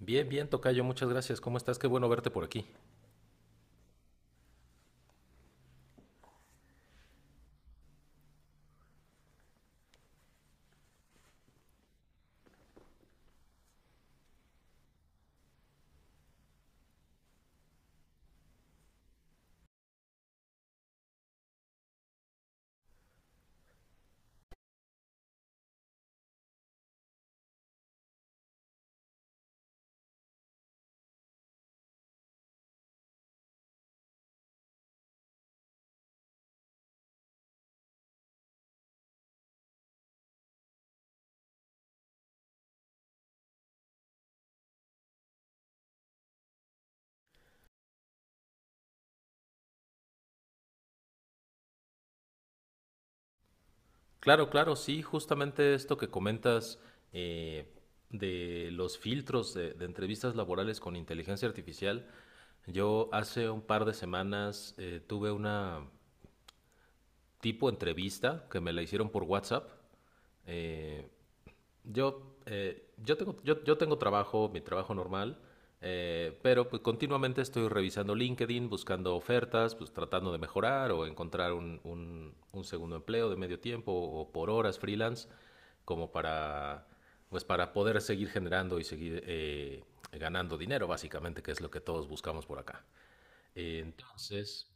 Bien, bien, Tocayo, muchas gracias. ¿Cómo estás? Qué bueno verte por aquí. Claro, claro, sí, justamente esto que comentas eh, de los filtros de entrevistas laborales con inteligencia artificial. Yo hace un par de semanas tuve una tipo entrevista que me la hicieron por WhatsApp. Eh, yo tengo trabajo, mi trabajo normal, pero pues, continuamente estoy revisando LinkedIn, buscando ofertas, pues tratando de mejorar o encontrar un segundo empleo de medio tiempo o por horas freelance, como para, pues, para poder seguir generando y seguir ganando dinero, básicamente, que es lo que todos buscamos por acá. Eh, Entonces,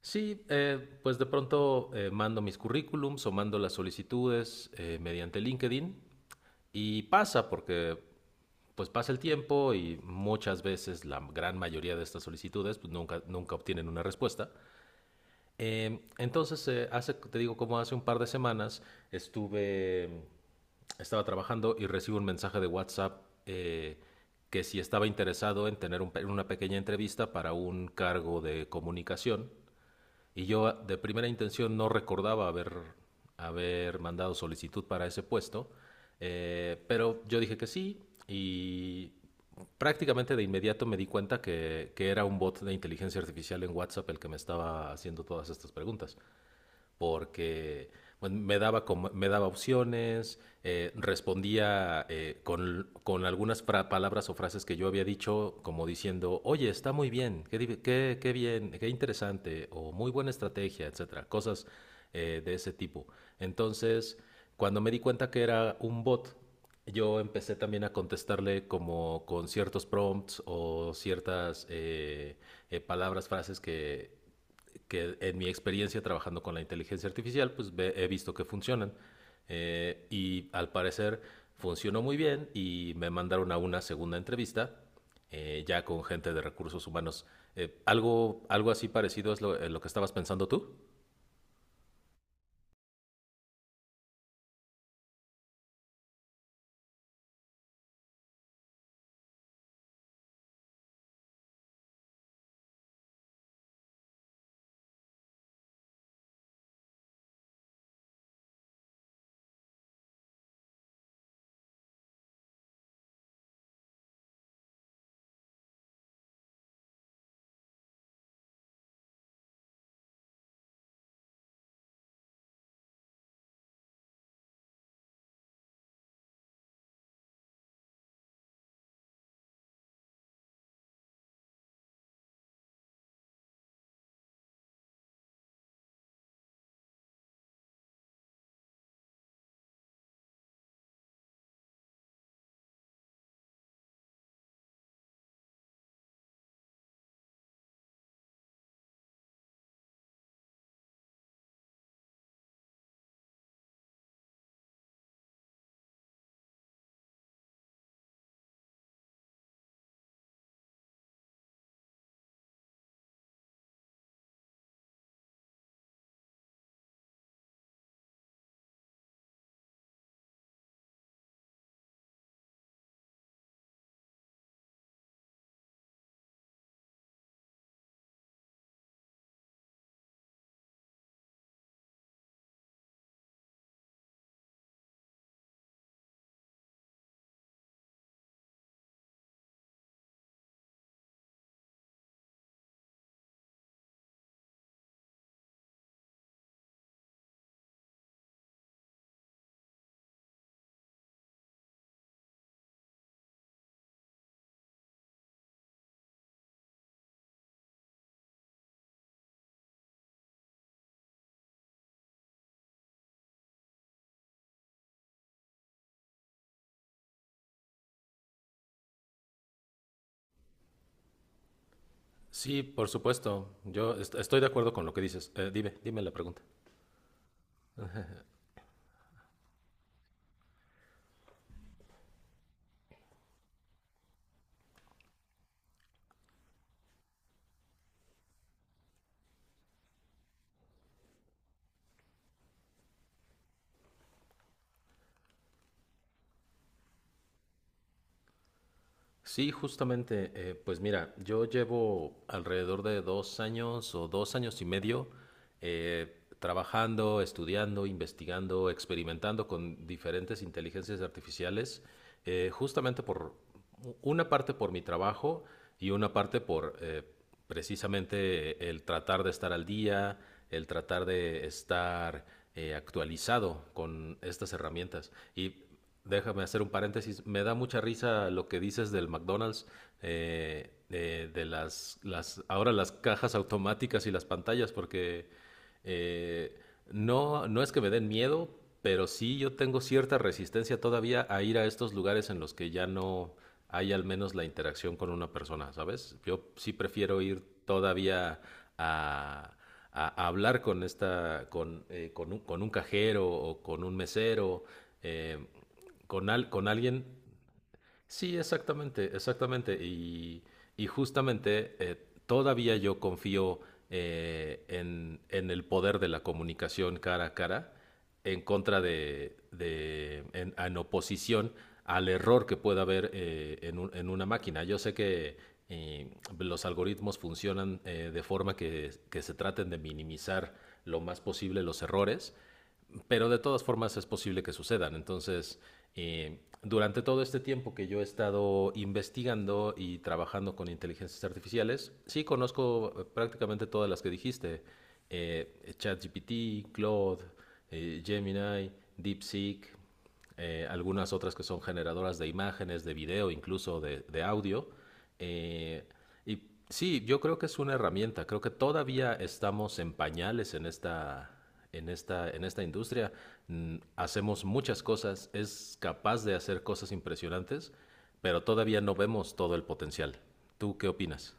Sí, pues de pronto mando mis currículums o mando las solicitudes mediante LinkedIn y pasa porque pues pasa el tiempo y muchas veces la gran mayoría de estas solicitudes pues nunca, nunca obtienen una respuesta. Hace, te digo, como hace un par de semanas estuve, estaba trabajando y recibo un mensaje de WhatsApp que si estaba interesado en tener una pequeña entrevista para un cargo de comunicación y yo de primera intención no recordaba haber mandado solicitud para ese puesto, pero yo dije que sí y prácticamente de inmediato me di cuenta que era un bot de inteligencia artificial en WhatsApp el que me estaba haciendo todas estas preguntas porque pues, daba me daba opciones, respondía con algunas palabras o frases que yo había dicho, como diciendo, oye, está muy bien, qué bien, qué interesante, o muy buena estrategia, etcétera, cosas de ese tipo. Entonces, cuando me di cuenta que era un bot, yo empecé también a contestarle como con ciertos prompts o ciertas palabras, que en mi experiencia trabajando con la inteligencia artificial, pues he visto que funcionan. Y al parecer funcionó muy bien y me mandaron a una segunda entrevista, ya con gente de recursos humanos. ¿Algo así parecido es lo que estabas pensando tú? Sí, por supuesto. Yo estoy de acuerdo con lo que dices. Dime, dime la pregunta. Sí, justamente, pues mira, yo llevo alrededor de dos años o dos años y medio trabajando, estudiando, investigando, experimentando con diferentes inteligencias artificiales, justamente por una parte por mi trabajo y una parte por precisamente el tratar de estar al día, el tratar de estar actualizado con estas herramientas. Y déjame hacer un paréntesis. Me da mucha risa lo que dices del McDonald's, de ahora las cajas automáticas y las pantallas, porque eh, no, no es que me den miedo, pero sí yo tengo cierta resistencia todavía a ir a estos lugares en los que ya no hay al menos la interacción con una persona, ¿sabes? Yo sí prefiero ir todavía a, a hablar con esta, con un cajero o con un mesero. eh, con alguien. Sí, exactamente, exactamente. Y justamente todavía yo confío en el poder de la comunicación cara a cara en contra en oposición al error que pueda haber en una máquina. Yo sé que eh, los algoritmos funcionan de forma que se traten de minimizar lo más posible los errores, pero de todas formas es posible que sucedan. Entonces, durante todo este tiempo que yo he estado investigando y trabajando con inteligencias artificiales, sí conozco prácticamente todas las que dijiste. ChatGPT, Claude, Gemini, DeepSeek, algunas otras que son generadoras de imágenes, de video, incluso de audio. eh, y sí, yo creo que es una herramienta. Creo que todavía estamos en pañales en esta, en esta, en esta industria. Hacemos muchas cosas, es capaz de hacer cosas impresionantes, pero todavía no vemos todo el potencial. ¿Tú qué opinas?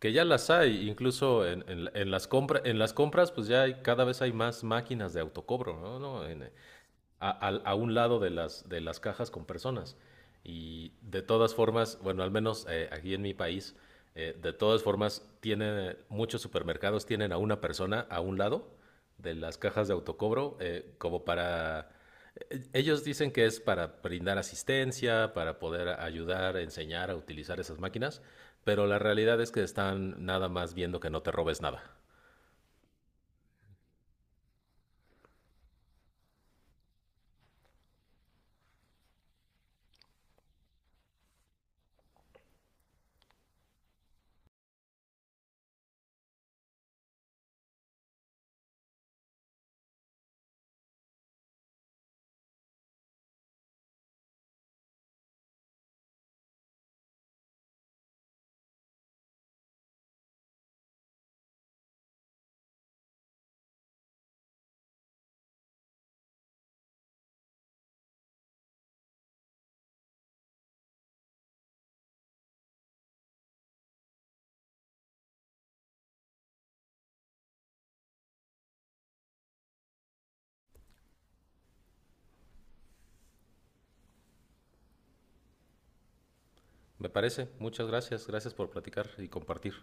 Que ya las hay, incluso en, en las compras, pues ya hay, cada vez hay más máquinas de autocobro, ¿no? ¿No? En, a un lado de las cajas con personas. Y de todas formas, bueno, al menos aquí en mi país, de todas formas, tienen muchos supermercados tienen a una persona a un lado de las cajas de autocobro como para... Ellos dicen que es para brindar asistencia, para poder ayudar, enseñar a utilizar esas máquinas, pero la realidad es que están nada más viendo que no te robes nada. Me parece. Muchas gracias. Gracias por platicar y compartir.